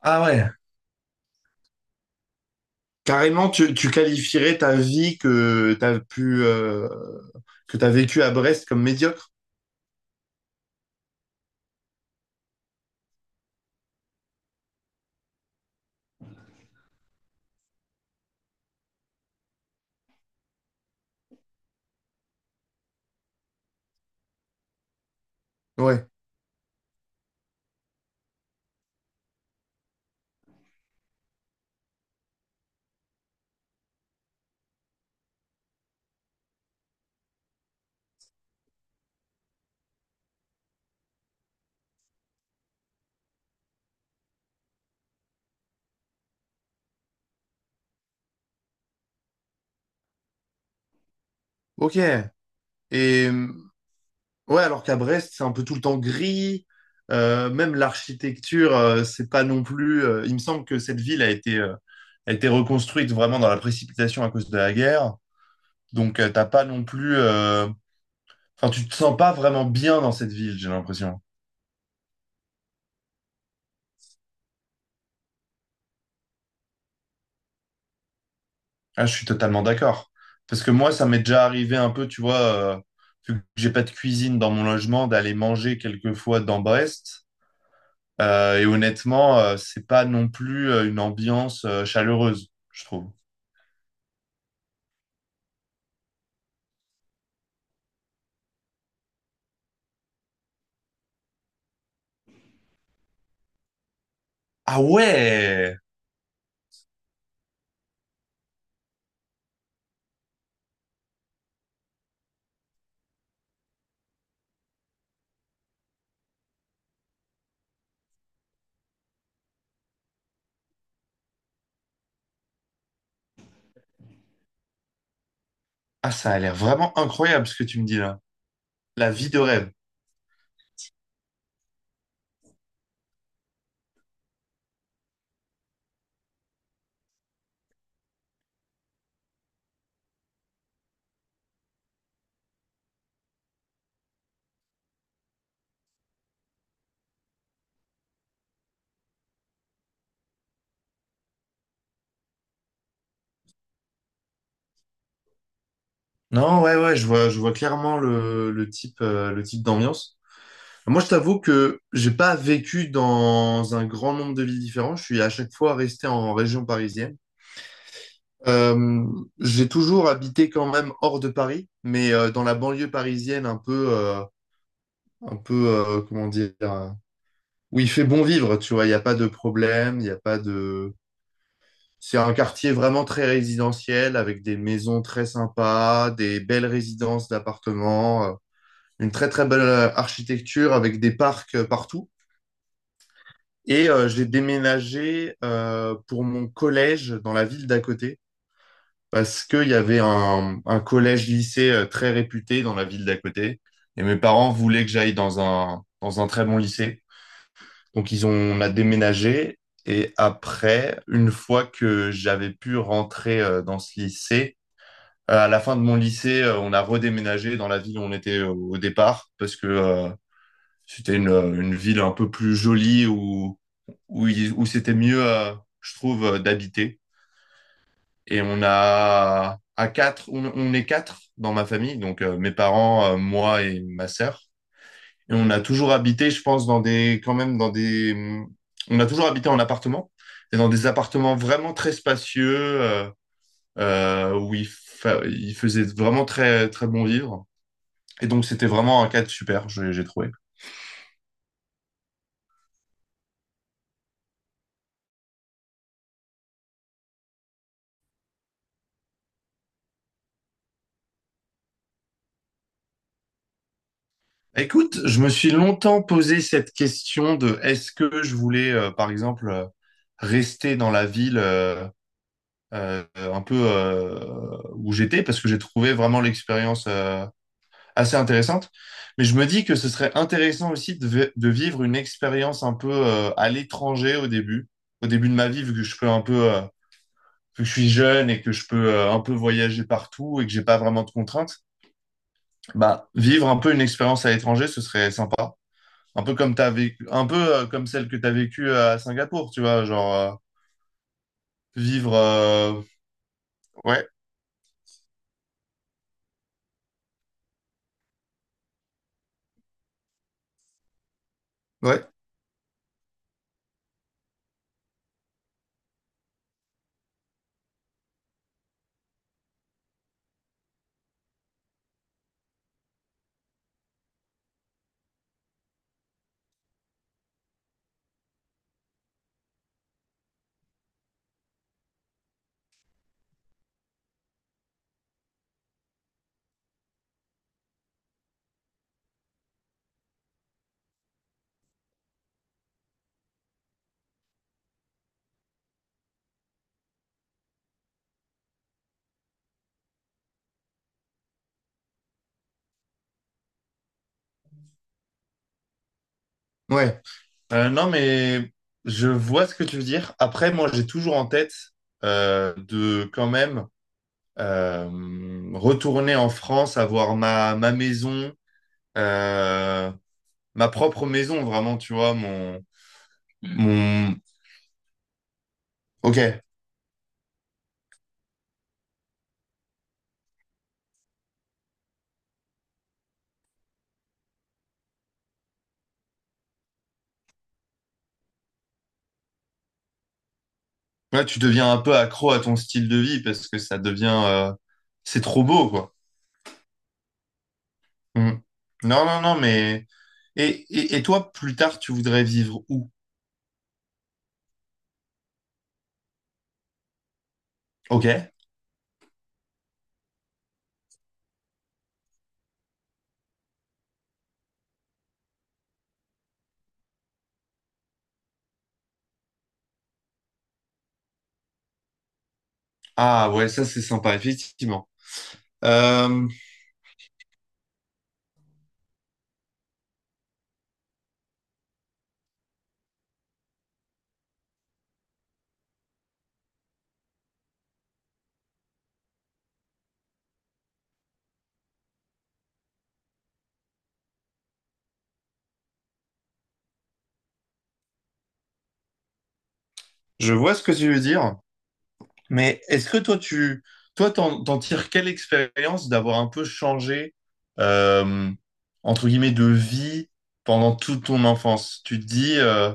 Ah ouais. Carrément, tu qualifierais ta vie que t'as pu que t'as vécu à Brest comme médiocre? Ouais. Ok. Et ouais, alors qu'à Brest, c'est un peu tout le temps gris. Même l'architecture, c'est pas non plus. Il me semble que cette ville a été reconstruite vraiment dans la précipitation à cause de la guerre. Donc t'as pas non plus. Enfin, tu te sens pas vraiment bien dans cette ville, j'ai l'impression. Ah, je suis totalement d'accord. Parce que moi, ça m'est déjà arrivé un peu, tu vois, vu que j'ai pas de cuisine dans mon logement, d'aller manger quelquefois dans Brest. Et honnêtement, c'est pas non plus une ambiance chaleureuse, je trouve. Ah ouais! Ah, ça a l'air vraiment incroyable ce que tu me dis là. La vie de rêve. Non, ouais, ouais, je vois clairement le type, le type d'ambiance. Moi, je t'avoue que j'ai pas vécu dans un grand nombre de villes différentes. Je suis à chaque fois resté en région parisienne. Euh, j'ai toujours habité quand même hors de Paris, mais dans la banlieue parisienne, un peu, comment dire, où il fait bon vivre, tu vois, il n'y a pas de problème, il n'y a pas de... C'est un quartier vraiment très résidentiel, avec des maisons très sympas, des belles résidences d'appartements, une très très belle architecture avec des parcs partout. Et j'ai déménagé pour mon collège dans la ville d'à côté, parce qu'il y avait un collège-lycée très réputé dans la ville d'à côté. Et mes parents voulaient que j'aille dans un très bon lycée. Donc, ils ont, on a déménagé. Et après, une fois que j'avais pu rentrer dans ce lycée, à la fin de mon lycée, on a redéménagé dans la ville où on était au départ parce que c'était une ville un peu plus jolie où, où, où c'était mieux, je trouve, d'habiter. Et on a à quatre, on est quatre dans ma famille, donc mes parents, moi et ma sœur. Et on a toujours habité, je pense, quand même on a toujours habité en appartement et dans des appartements vraiment très spacieux euh, où il faisait vraiment très très bon vivre. Et donc c'était vraiment un cadre super, j'ai trouvé. Écoute, je me suis longtemps posé cette question de est-ce que je voulais, par exemple, rester dans la ville, un peu où j'étais parce que j'ai trouvé vraiment l'expérience assez intéressante. Mais je me dis que ce serait intéressant aussi de, de vivre une expérience un peu à l'étranger au début de ma vie, vu que je peux un peu, que je suis jeune et que je peux un peu voyager partout et que j'ai pas vraiment de contraintes. Bah, vivre un peu une expérience à l'étranger, ce serait sympa. Un peu comme t'as vécu, un peu comme celle que tu as vécue à Singapour, tu vois, genre vivre. Ouais, ouais, ouais. Non, mais je vois ce que tu veux dire. Après, moi, j'ai toujours en tête de quand même euh, retourner en France, avoir ma maison, euh, ma propre maison, vraiment, tu vois, mon, Mm. Mon... Ok, là, tu deviens un peu accro à ton style de vie parce que ça devient... C'est trop beau, quoi. Mm. Non, non, non, mais... et toi, plus tard, tu voudrais vivre où? Ok. Ah ouais, ça, c'est sympa, effectivement. Euh, Je vois ce que tu veux dire, mais est-ce que toi, t'en tires quelle expérience d'avoir un peu changé, euh, entre guillemets, de vie pendant toute ton enfance? Tu te dis,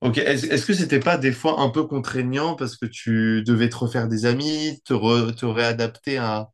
ok, est-ce que c'était pas des fois un peu contraignant parce que tu devais te refaire des amis, te réadapter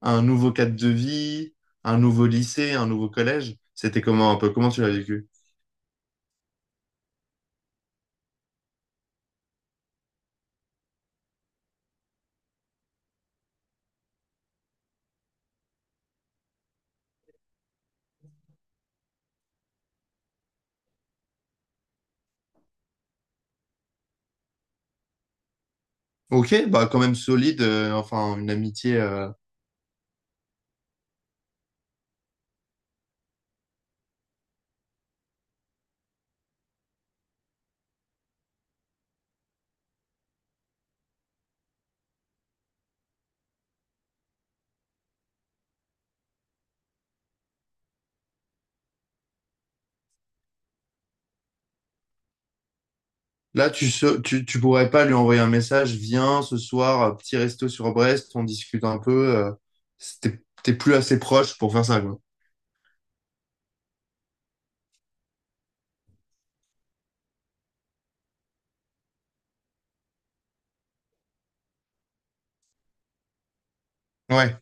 à un nouveau cadre de vie, un nouveau lycée, un nouveau collège? C'était comment un peu? Comment tu l'as vécu? Ok, bah quand même solide, enfin une amitié. Là, tu pourrais pas lui envoyer un message, viens ce soir, petit resto sur Brest, on discute un peu. T'es plus assez proche pour faire ça, quoi. Ouais.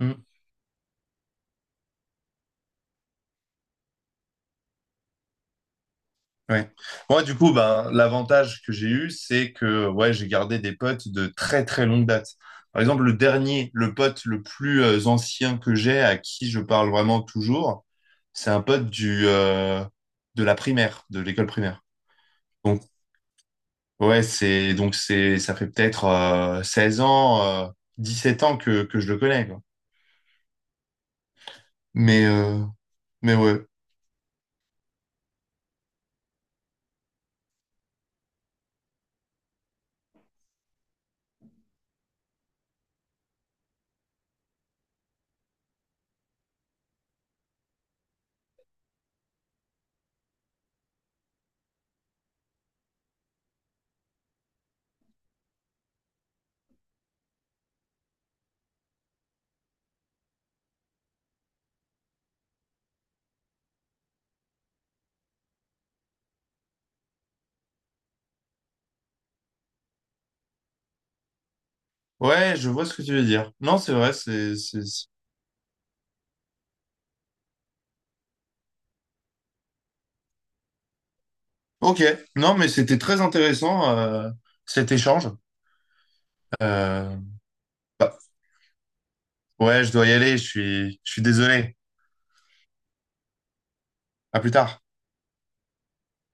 Mm. Ouais. Moi, du coup, ben, l'avantage que j'ai eu, c'est que ouais, j'ai gardé des potes de très très longue date. Par exemple, le dernier, le pote le plus ancien que j'ai, à qui je parle vraiment toujours, c'est un pote de la primaire, de l'école primaire. Ouais, c'est donc c'est ça fait peut-être 16 ans, sept ans que je le connais, quoi. Mais euh, mais ouais. Ouais, je vois ce que tu veux dire. Non, c'est vrai, c'est- OK. Non, mais c'était très intéressant cet échange. Euh, Bah, ouais, je dois y aller, je suis désolé. À plus tard.